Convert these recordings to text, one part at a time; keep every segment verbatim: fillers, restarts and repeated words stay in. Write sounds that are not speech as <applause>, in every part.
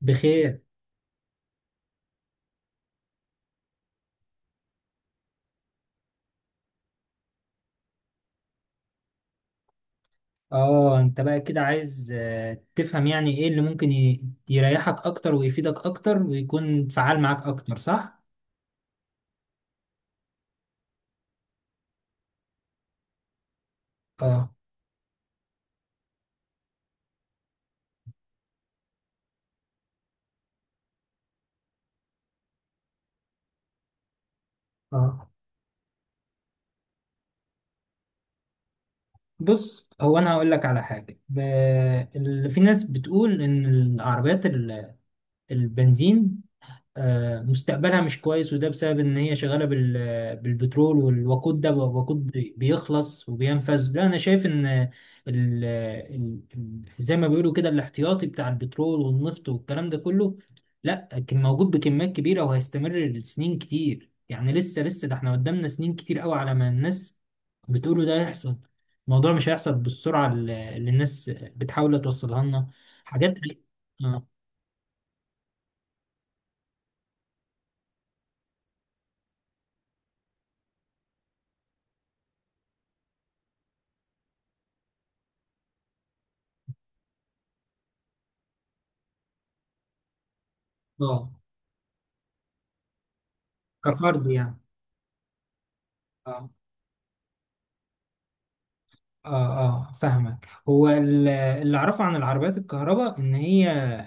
بخير. اه، انت بقى كده عايز آه، تفهم يعني ايه اللي ممكن ي- يريحك اكتر ويفيدك اكتر ويكون فعال معاك اكتر، صح؟ اه اه، بص، هو انا هقول لك على حاجه ب... اللي في ناس بتقول ان العربيات ال- البنزين آه، مستقبلها مش كويس، وده بسبب ان هي شغاله بال- بالبترول والوقود. ده وقود بي- بيخلص وبينفذ. لا، انا شايف ان ال ال ال زي ما بيقولوا كده الاحتياطي بتاع البترول والنفط والكلام ده كله لا كان موجود بكميات كبيره، وهيستمر لسنين كتير. يعني لسه لسه، ده احنا قدامنا سنين كتير قوي على ما الناس بتقولوا ده هيحصل. الموضوع مش هيحصل بالسرعه اللي اللي الناس بتحاول توصلها لنا. حاجات. اه. آه، كفرد يعني. اه اه، فاهمك. هو ال- اللي اعرفه عن العربيات الكهرباء ان هي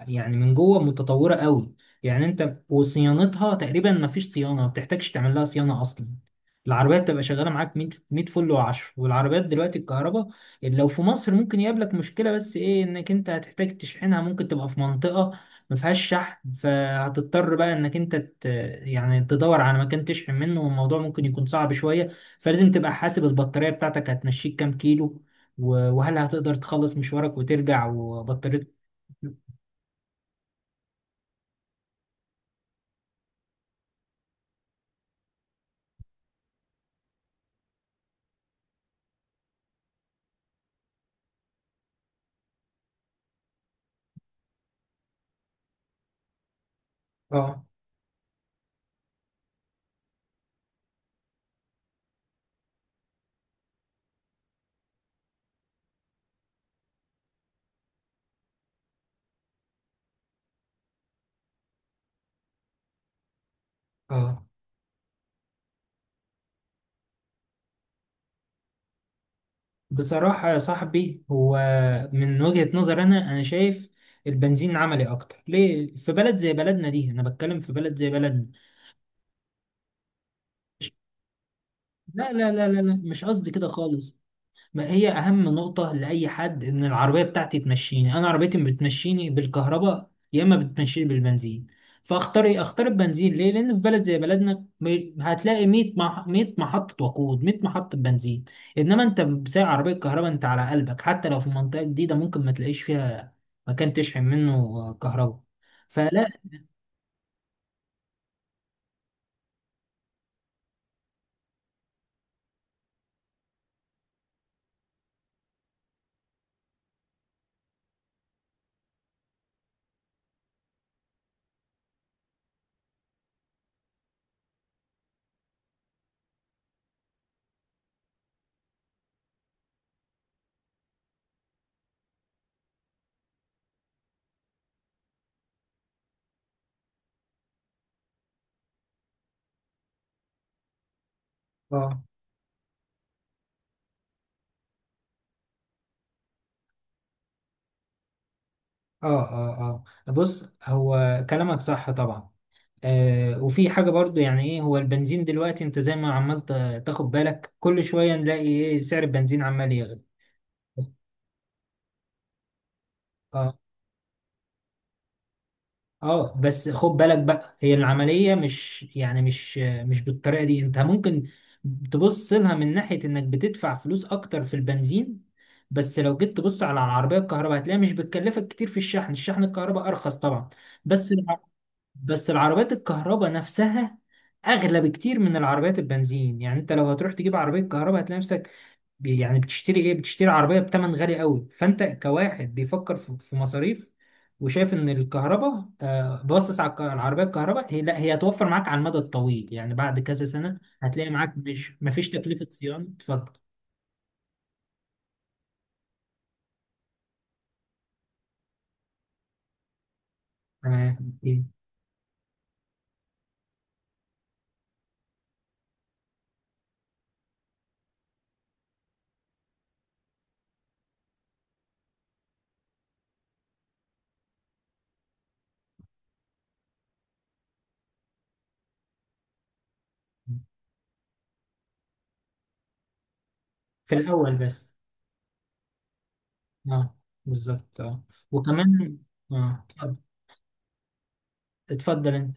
يعني من جوه متطوره قوي. يعني انت وصيانتها، تقريبا ما فيش صيانه، ما بتحتاجش تعمل لها صيانه اصلا. العربية بتبقى شغالة معاك مية مية فل و10. والعربيات دلوقتي الكهرباء لو في مصر ممكن يقابلك مشكلة، بس ايه؟ انك انت هتحتاج تشحنها. ممكن تبقى في منطقة ما فيهاش شحن، فهتضطر بقى انك انت ت... يعني تدور على مكان تشحن منه، والموضوع ممكن يكون صعب شوية. فلازم تبقى حاسب البطارية بتاعتك هتمشيك كام كيلو، و- وهل هتقدر تخلص مشوارك وترجع وبطاريتك. اه اه. بصراحة يا صاحبي، هو من وجهة نظر أنا أنا شايف البنزين عملي أكتر. ليه؟ في بلد زي بلدنا دي، أنا بتكلم في بلد زي بلدنا. لا لا لا لا، لا. مش قصدي كده خالص. ما هي اهم نقطة لأي حد ان العربية بتاعتي تمشيني. انا عربيتي بتمشيني بالكهرباء يا اما بتمشيني بالبنزين. فاختار ايه؟ اختار البنزين. ليه؟ لان في بلد زي بلدنا م- هتلاقي مية مح... مية محطة وقود، مية محطة بنزين. انما انت بسايق عربية كهرباء انت على قلبك، حتى لو في منطقة جديدة ممكن ما تلاقيش فيها مكان تشحن منه كهرباء. فلا. اه اه اه اه، بص، هو كلامك صح طبعا. آه وفي حاجة برضو، يعني ايه؟ هو البنزين دلوقتي، انت زي ما عمال تا- تاخد بالك، كل شوية نلاقي ايه؟ سعر البنزين عمال يغلى. اه اه، بس خد بالك بقى، هي العملية مش يعني مش مش بالطريقة دي. انت ممكن تبص لها من ناحية انك بتدفع فلوس اكتر في البنزين، بس لو جيت تبص على العربية الكهرباء هتلاقيها مش بتكلفك كتير في الشحن. الشحن الكهرباء ارخص طبعا، بس. بس العربيات الكهرباء نفسها اغلى بكتير من العربيات البنزين. يعني انت لو هتروح تجيب عربيه كهرباء هتلاقي نفسك ب- يعني بتشتري ايه؟ بتشتري عربيه بتمن غالي قوي. فانت كواحد بيفكر في في مصاريف وشايف ان الكهرباء، آه، باصص على الك- العربيه الكهرباء، هي لا، هي هتوفر معاك على المدى الطويل. يعني بعد كذا سنه هتلاقي معاك مش مفيش تكلفه صيانه. اتفضل. تمام. إيه؟ في الاول بس. اه، بالظبط. اه، وكمان. اه، اتفضل. اتفضل انت.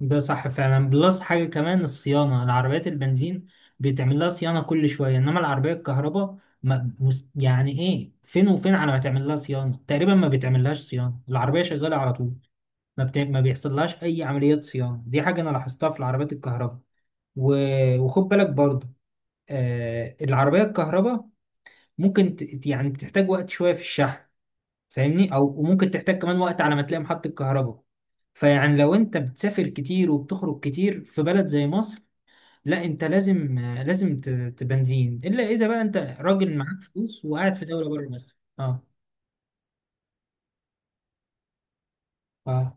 ده صح فعلا. بلس حاجة كمان، الصيانة، العربيات البنزين بيتعمل لها صيانة كل شوية، إنما العربية الكهرباء ما مس... يعني إيه؟ فين وفين على ما تعمل لها صيانة. تقريبا ما بيتعمل لهاش صيانة، العربية شغالة على طول. ما, بت... ما بيحصل لهاش أي عمليات صيانة. دي حاجة أنا لاحظتها في العربيات الكهرباء. و... وخد بالك برضه. آه... العربية الكهرباء ممكن ت... يعني بتحتاج وقت شوية في الشحن، فاهمني؟ او وممكن تحتاج كمان وقت على ما تلاقي محطة كهرباء. فيعني لو انت بتسافر كتير وبتخرج كتير في بلد زي مصر، لا، انت لازم لازم ت- تبنزين، الا اذا بقى انت راجل معاك فلوس وقاعد في دولة بره مصر. اه اه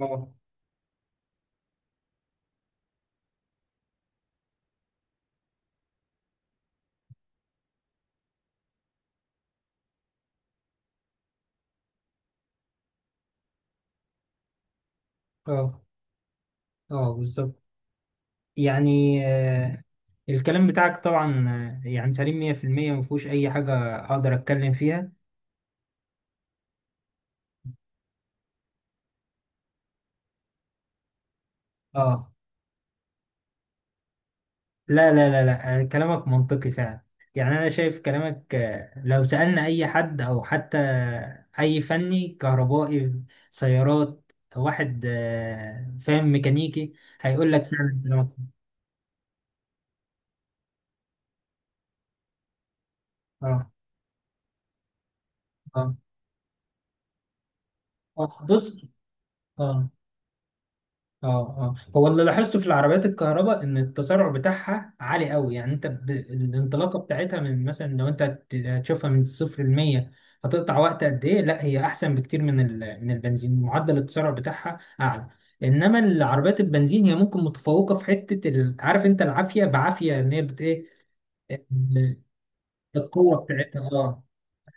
اه اه اه، بالظبط. يعني آه الكلام بتاعك طبعا آه، يعني سليم مية في المية. ما فيهوش اي حاجة اقدر اتكلم فيها. اه. لا لا لا لا، آه، كلامك منطقي فعلا. يعني أنا شايف كلامك، آه، لو سألنا أي حد أو حتى أي فني كهربائي سيارات، واحد آه، فاهم ميكانيكي، هيقول لك فعلا كلامك صح. اه اه، آه، بص. اه اه اه، هو اللي لاحظته في العربيات الكهرباء ان التسارع بتاعها عالي قوي. يعني انت ب... الانطلاقه بتاعتها، من مثلا لو انت هت- هتشوفها من الصفر ل مية هتقطع وقت قد ايه. لا، هي احسن بكتير من ال... من البنزين. معدل التسارع بتاعها اعلى. انما العربيات البنزين، هي ممكن متفوقه في حته ال... عارف انت العافيه، بعافيه ان هي بت ايه؟ ال- القوه بتاعتها، اه.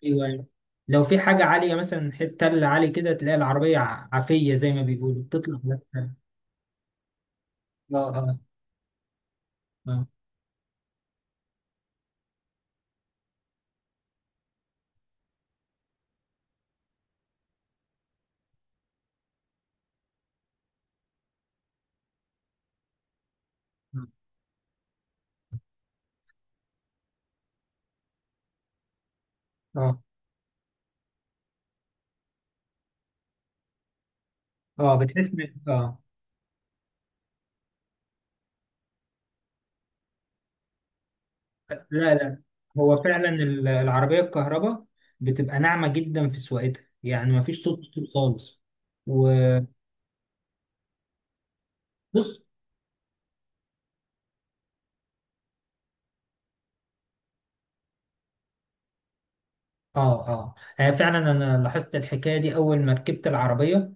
ايوه، أيوة. لو في حاجه عاليه مثلا، حته تل عالي كده، تلاقي العربيه ع- عافيه زي ما بيقولوا بتطلع. اه اه، آه. اه اه، بتحس ان اه. لا لا، هو فعلا ال- العربيه الكهرباء بتبقى ناعمه جدا في سواقتها. يعني ما فيش صوت كتير خالص. وبص. اه اه، آه، فعلا انا لاحظت الحكايه دي اول ما ركبت العربيه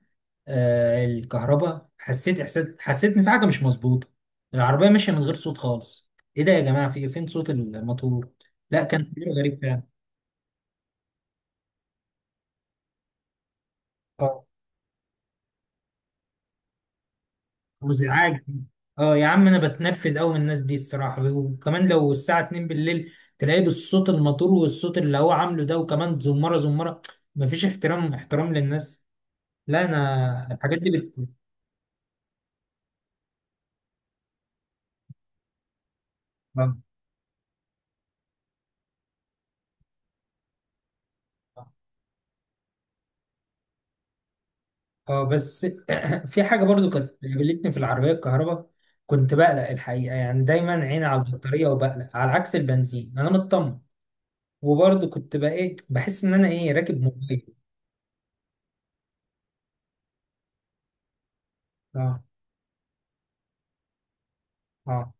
آه الكهرباء. حسيت احساس، حسيت ان في حاجه مش مظبوطه. العربيه ماشيه من غير صوت خالص. ايه ده يا جماعه؟ في فين صوت الموتور؟ لا، كان تجربة غريب فعلا. اه، وازعاج. اه يا عم، انا بتنرفز قوي من الناس دي الصراحه. وكمان لو الساعه اتنين بالليل تلاقيه بالصوت الموتور والصوت اللي هو عامله ده، وكمان زمره زمره. مفيش احترام، احترام للناس. لا، انا الحاجات دي بت. اه. آه، بس <coughs> <clears throat> في حاجه برضو كانت قابلتني في العربيه الكهرباء، كنت بقلق الحقيقه. يعني دايما عيني على البطاريه وبقلق، على عكس البنزين انا مطمن. وبرضو كنت بقى ايه؟ بحس ان انا ايه؟ راكب موبايل. اه اه.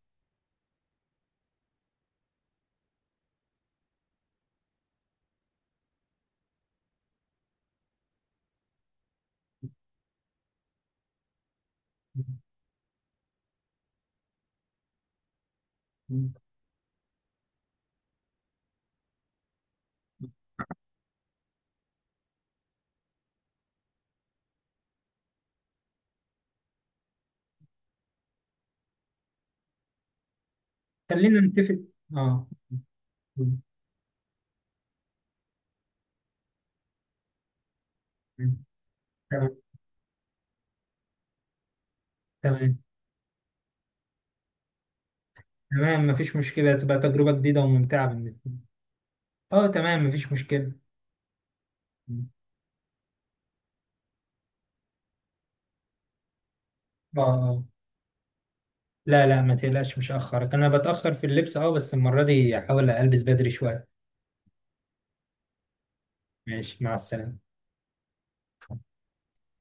خلينا نتفق. اه. مم. مم. تمام. تمام. تمام، مفيش مشكلة، تبقى تجربة جديدة وممتعة بالنسبة لي. اه، تمام، مفيش مشكلة. مم. اه، آه. لا لا، ما تقلقش، مش هأخرك. أنا بتأخر في اللبس، اه، بس المرة دي هحاول ألبس بدري شوية. ماشي، مع السلامة.